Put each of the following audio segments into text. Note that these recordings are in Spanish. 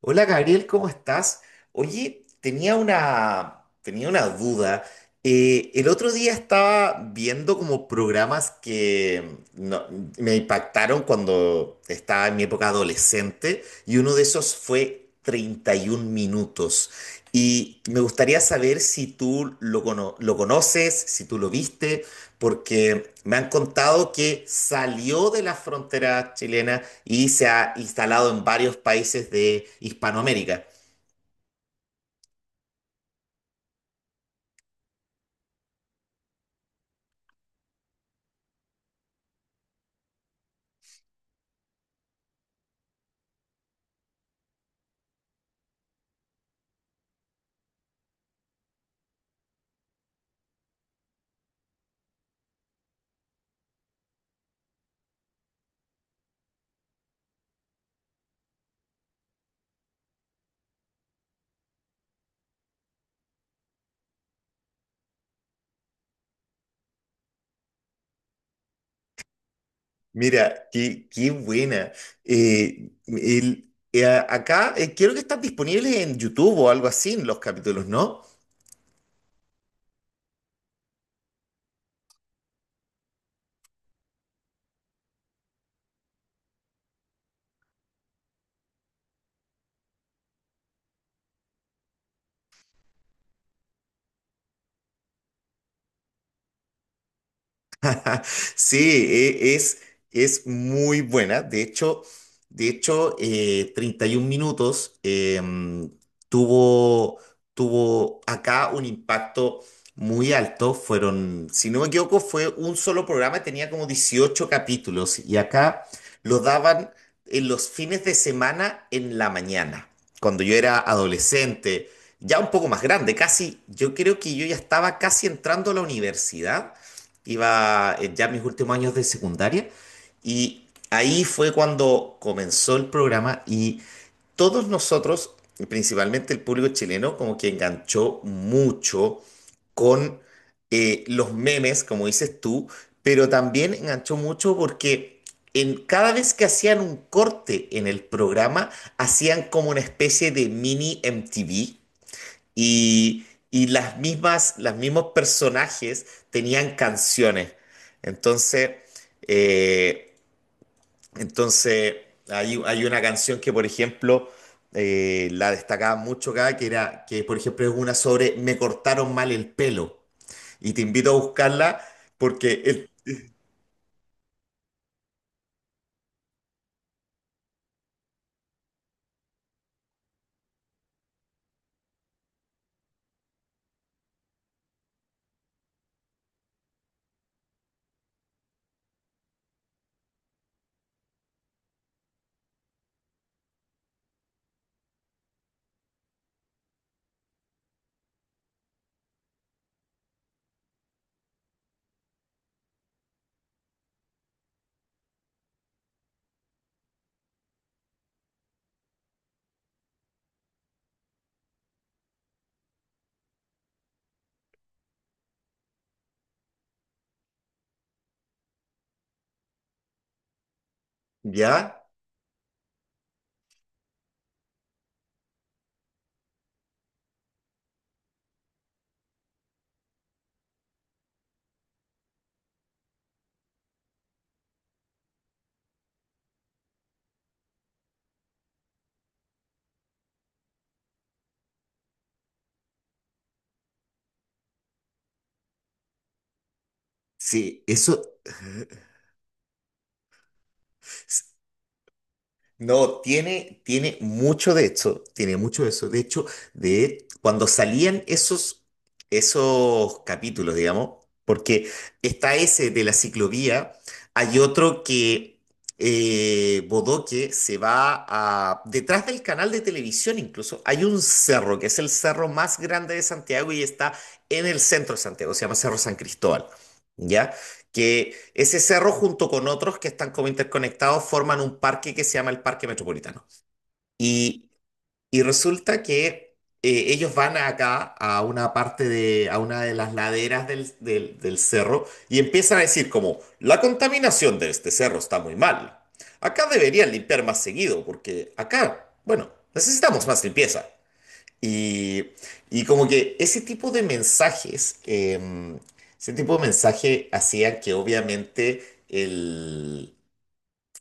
Hola Gabriel, ¿cómo estás? Oye, tenía una duda. El otro día estaba viendo como programas que no- me impactaron cuando estaba en mi época adolescente y uno de esos fue 31 minutos. Y me gustaría saber si tú lo conoces, si tú lo viste porque me han contado que salió de las fronteras chilenas y se ha instalado en varios países de Hispanoamérica. Mira, qué buena. Eh, el- Acá, creo que están disponibles en YouTube o algo así los capítulos, ¿no? Sí, es muy buena. De hecho, 31 minutos tuvo, tuvo acá un impacto muy alto. Fueron, si no me equivoco, fue un solo programa y tenía como 18 capítulos. Y acá lo daban en los fines de semana en la mañana, cuando yo era adolescente, ya un poco más grande, casi. Yo creo que yo ya estaba casi entrando a la universidad, iba ya en mis últimos años de secundaria y ahí fue cuando comenzó el programa. Y todos nosotros, principalmente el público chileno, como que enganchó mucho con los memes, como dices tú, pero también enganchó mucho porque cada vez que hacían un corte en el programa, hacían como una especie de mini MTV. Y las mismas, los mismos personajes tenían canciones. Entonces, eh, entonces, hay una canción que, por ejemplo, la destacaba mucho acá, que era, que por ejemplo es una sobre Me cortaron mal el pelo. Y te invito a buscarla porque ¿ya? Sí, eso. No, tiene mucho de eso, tiene mucho de eso. De hecho, de cuando salían esos capítulos, digamos, porque está ese de la ciclovía, hay otro que Bodoque se va a. Detrás del canal de televisión incluso, hay un cerro, que es el cerro más grande de Santiago y está en el centro de Santiago, se llama Cerro San Cristóbal. ¿Ya? Que ese cerro junto con otros que están como interconectados forman un parque que se llama el Parque Metropolitano. Y, y resulta que ellos van acá a una parte de, a una de las laderas del cerro y empiezan a decir como, la contaminación de este cerro está muy mal. Acá deberían limpiar más seguido porque acá, bueno, necesitamos más limpieza. Y, y como que ese tipo de ese tipo de mensaje hacía que obviamente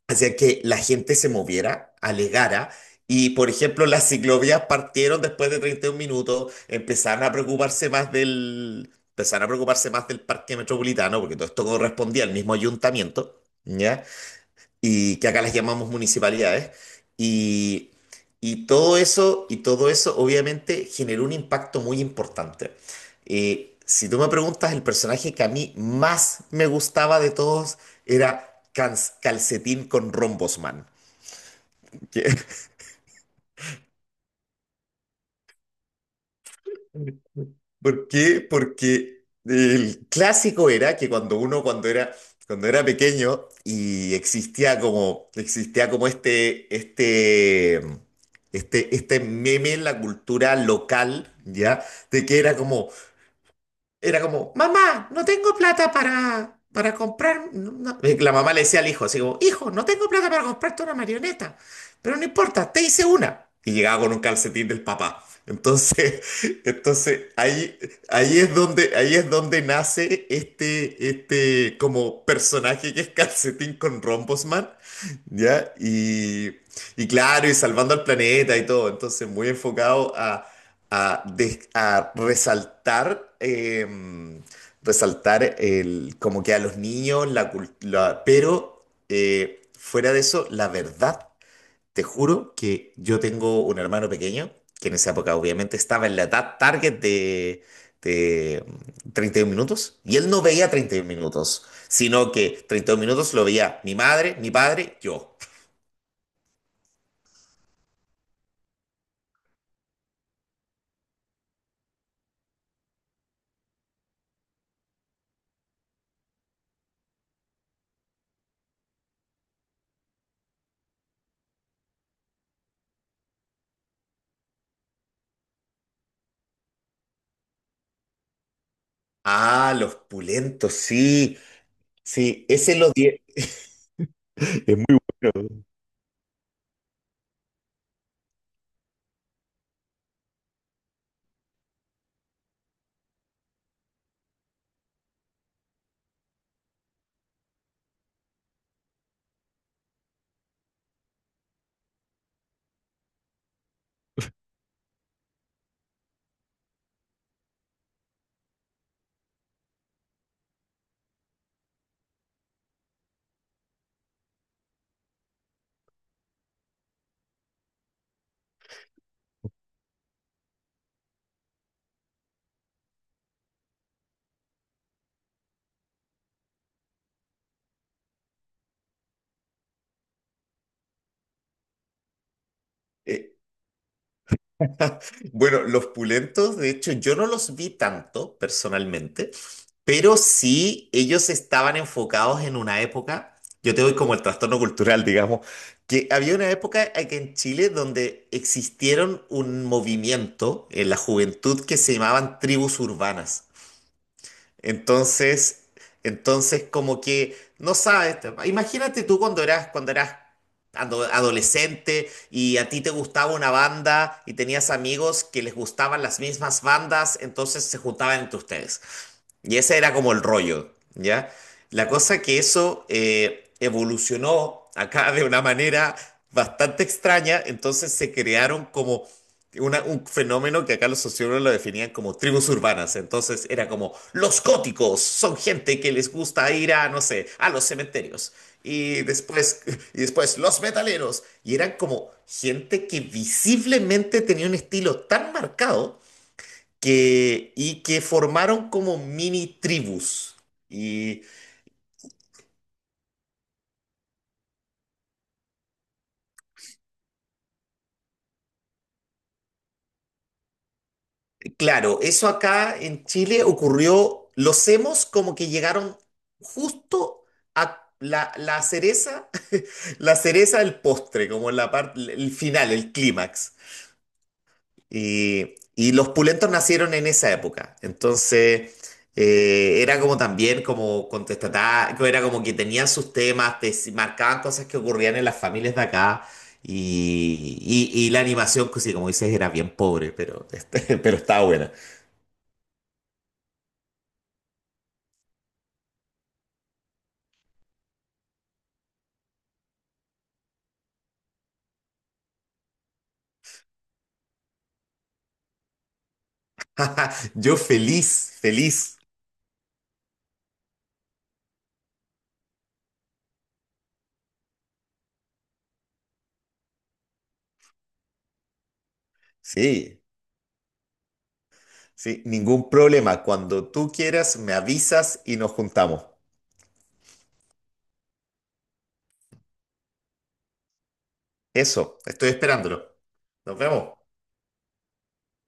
hacía que la gente se moviera, alegara. Y por ejemplo, las ciclovías partieron después de 31 minutos, empezaron a preocuparse más del parque metropolitano, porque todo esto correspondía al mismo ayuntamiento, ¿ya? Y que acá las llamamos municipalidades. Y y todo eso, obviamente generó un impacto muy importante. Si tú me preguntas, el personaje que a mí más me gustaba de todos era Calcetín con Rombosman. ¿Por qué? Porque el clásico era que cuando era pequeño y existía como este meme en la cultura local, ¿ya? De que era como, mamá, no tengo plata para comprar, no". Y la mamá le decía al hijo, así como, hijo, no tengo plata para comprarte una marioneta, pero no importa, te hice una. Y llegaba con un calcetín del papá. Entonces, entonces ahí, ahí es donde nace este como personaje que es calcetín con Rombosman, ¿ya? Y claro, y salvando al planeta y todo. Entonces, muy enfocado a resaltar como que a los niños, cultura. Pero fuera de eso, la verdad, te juro que yo tengo un hermano pequeño, que en esa época obviamente estaba en la edad target de 31 minutos, y él no veía 31 minutos, sino que 31 minutos lo veía mi madre, mi padre, yo. Ah, los pulentos, sí, sí, ese lo. Es muy bueno. Eh, Bueno, los pulentos, de hecho, yo no los vi tanto personalmente, pero sí ellos estaban enfocados en una época. Yo te doy como el trastorno cultural, digamos, que había una época aquí en Chile donde existieron un movimiento en la juventud que se llamaban tribus urbanas. Entonces, entonces, como que no sabes, imagínate tú cuando eras adolescente y a ti te gustaba una banda y tenías amigos que les gustaban las mismas bandas, entonces se juntaban entre ustedes. Y ese era como el rollo, ¿ya? La cosa que eso evolucionó acá de una manera bastante extraña, entonces se crearon como un fenómeno que acá los sociólogos lo definían como tribus urbanas. Entonces era como los góticos son gente que les gusta ir a, no sé, a los cementerios. Y después, y después los metaleros, y eran como gente que visiblemente tenía un estilo tan marcado y que formaron como mini tribus. Y claro, eso acá en Chile ocurrió, los hemos como que llegaron justo a la cereza, la cereza del postre, como la parte, el final, el clímax. Y los pulentos nacieron en esa época. Entonces, era como también como contestatario, era como que tenían sus temas, marcaban cosas que ocurrían en las familias de acá. Y la animación, pues sí, como dices, era bien pobre, pero, pero estaba buena. Yo feliz, feliz. Sí, sí, ningún problema. Cuando tú quieras, me avisas y nos juntamos. Eso, estoy esperándolo. Nos vemos.